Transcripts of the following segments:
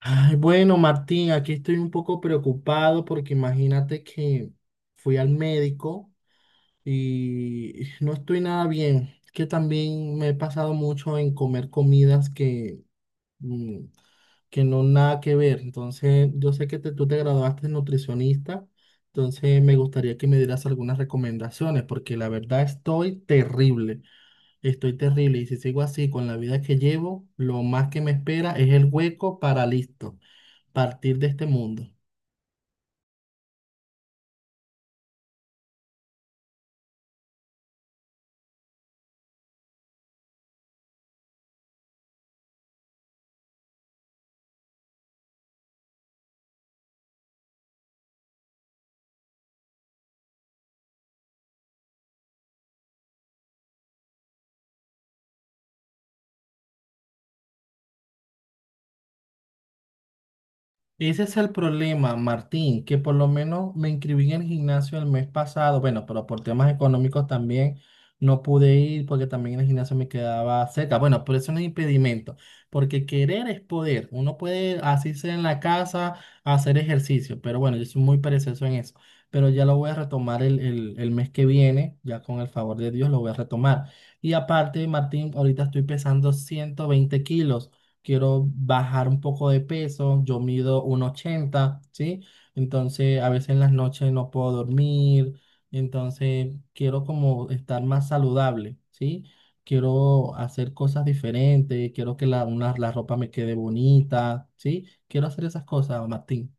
Ay, bueno, Martín, aquí estoy un poco preocupado porque imagínate que fui al médico y no estoy nada bien. Es que también me he pasado mucho en comer comidas que, mm, que no nada que ver. Entonces, yo sé que tú te graduaste de nutricionista, entonces me gustaría que me dieras algunas recomendaciones porque la verdad estoy terrible. Estoy terrible y si sigo así con la vida que llevo, lo más que me espera es el hueco para listo, partir de este mundo. Ese es el problema, Martín, que por lo menos me inscribí en el gimnasio el mes pasado, bueno, pero por temas económicos también no pude ir porque también el gimnasio me quedaba cerca. Bueno, por eso no es impedimento, porque querer es poder. Uno puede asirse en la casa, hacer ejercicio, pero bueno, yo soy muy perezoso en eso. Pero ya lo voy a retomar el mes que viene, ya con el favor de Dios lo voy a retomar. Y aparte, Martín, ahorita estoy pesando 120 kilos, quiero bajar un poco de peso, yo mido 1,80, ¿sí? Entonces a veces en las noches no puedo dormir, entonces quiero como estar más saludable, ¿sí? Quiero hacer cosas diferentes, quiero que la ropa me quede bonita, ¿sí? Quiero hacer esas cosas, Martín.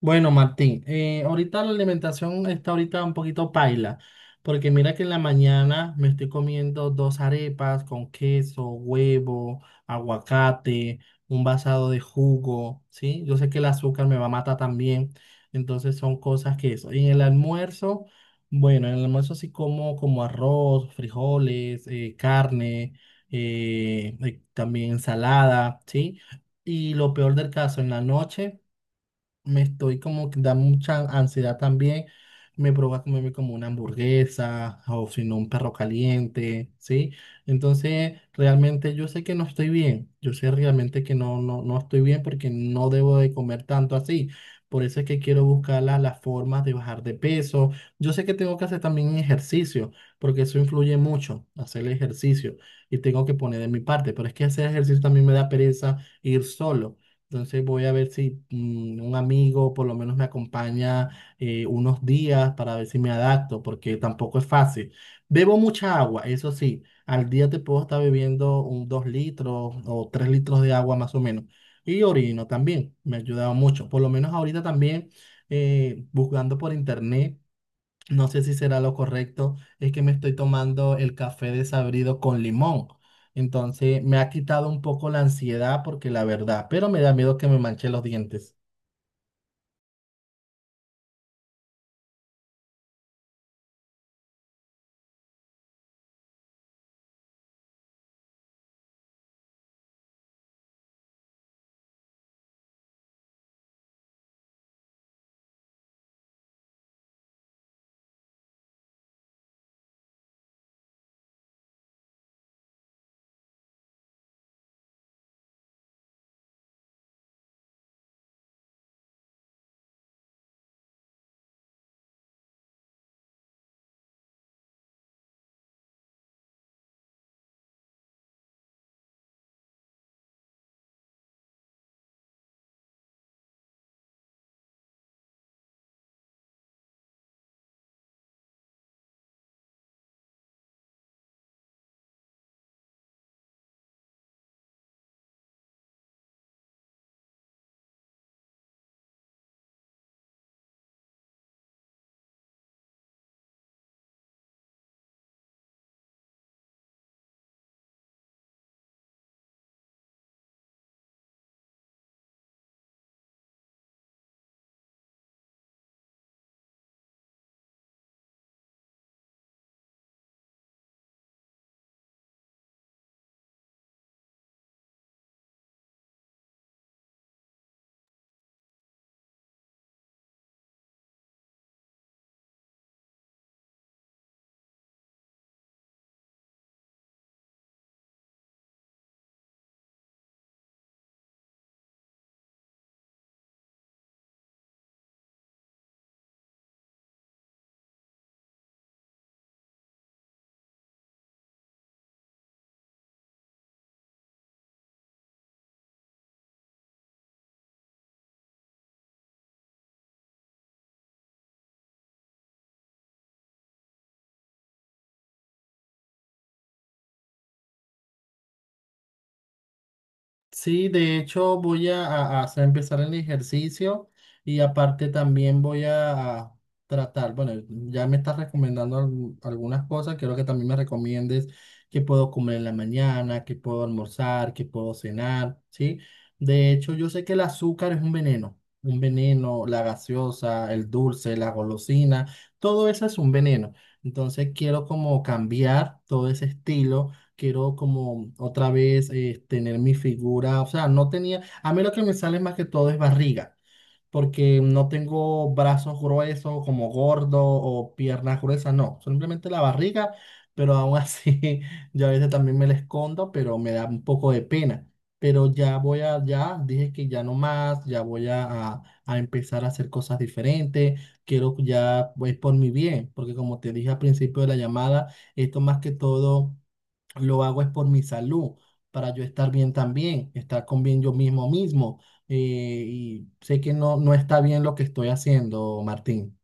Bueno, Martín, ahorita la alimentación está ahorita un poquito paila, porque mira que en la mañana me estoy comiendo dos arepas con queso, huevo, aguacate, un vasado de jugo, ¿sí? Yo sé que el azúcar me va a matar también, entonces son cosas que eso. Y en el almuerzo, bueno, en el almuerzo sí como como arroz, frijoles, carne, también ensalada, ¿sí? Y lo peor del caso, en la noche me estoy como que da mucha ansiedad también. Me provoca comerme como una hamburguesa o si no un perro caliente, ¿sí? Entonces, realmente yo sé que no estoy bien. Yo sé realmente que no estoy bien porque no debo de comer tanto así. Por eso es que quiero buscar las formas de bajar de peso. Yo sé que tengo que hacer también ejercicio, porque eso influye mucho, hacer el ejercicio. Y tengo que poner de mi parte, pero es que hacer ejercicio también me da pereza ir solo. Entonces voy a ver si un amigo por lo menos me acompaña unos días para ver si me adapto, porque tampoco es fácil. Bebo mucha agua, eso sí, al día te puedo estar bebiendo un 2 litros o 3 litros de agua más o menos. Y orino también, me ha ayudado mucho. Por lo menos ahorita también buscando por internet. No sé si será lo correcto, es que me estoy tomando el café desabrido con limón. Entonces me ha quitado un poco la ansiedad porque la verdad, pero me da miedo que me manche los dientes. Sí, de hecho voy a, empezar el ejercicio y aparte también voy a tratar, bueno, ya me estás recomendando algunas cosas, quiero que también me recomiendes qué puedo comer en la mañana, qué puedo almorzar, qué puedo cenar, ¿sí? De hecho, yo sé que el azúcar es un veneno, la gaseosa, el dulce, la golosina, todo eso es un veneno. Entonces quiero como cambiar todo ese estilo. Quiero como otra vez tener mi figura, o sea, no tenía, a mí lo que me sale más que todo es barriga, porque no tengo brazos gruesos como gordo o piernas gruesas, no, simplemente la barriga, pero aún así yo a veces también me la escondo, pero me da un poco de pena, pero ya voy a, ya dije que ya no más, ya voy a, a empezar a hacer cosas diferentes, quiero ya, pues por mi bien, porque como te dije al principio de la llamada, esto más que todo lo hago es por mi salud, para yo estar bien también, estar con bien yo mismo mismo. eh, y sé que no está bien lo que estoy haciendo, Martín.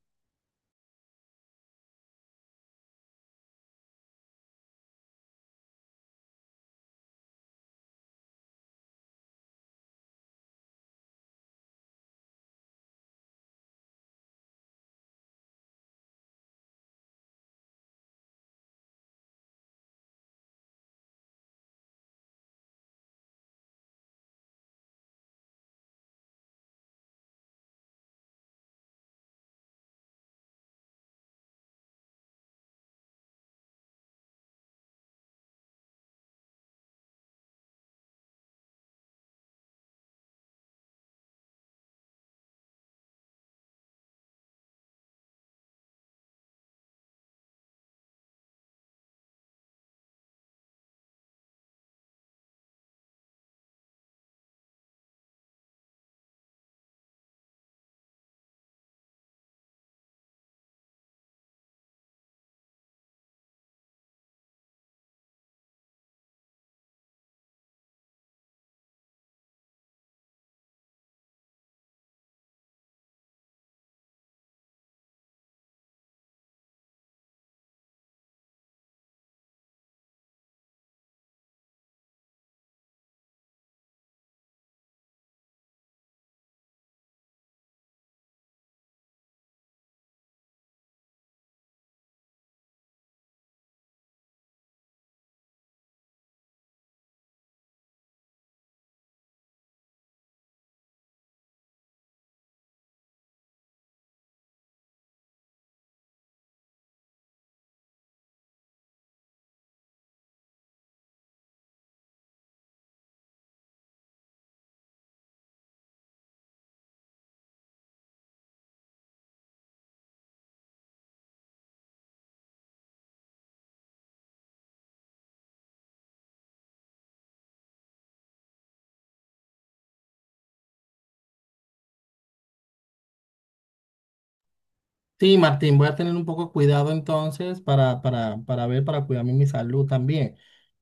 Sí, Martín, voy a tener un poco cuidado entonces para, para ver, para cuidarme mi salud también.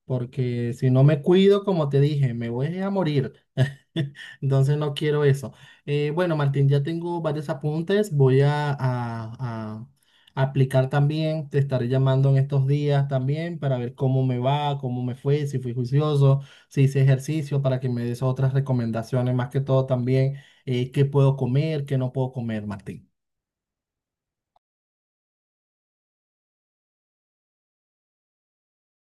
Porque si no me cuido, como te dije, me voy a morir. Entonces no quiero eso. Bueno, Martín, ya tengo varios apuntes. Voy a, a aplicar también. Te estaré llamando en estos días también para ver cómo me va, cómo me fue, si fui juicioso, si hice ejercicio, para que me des otras recomendaciones, más que todo también, qué puedo comer, qué no puedo comer, Martín.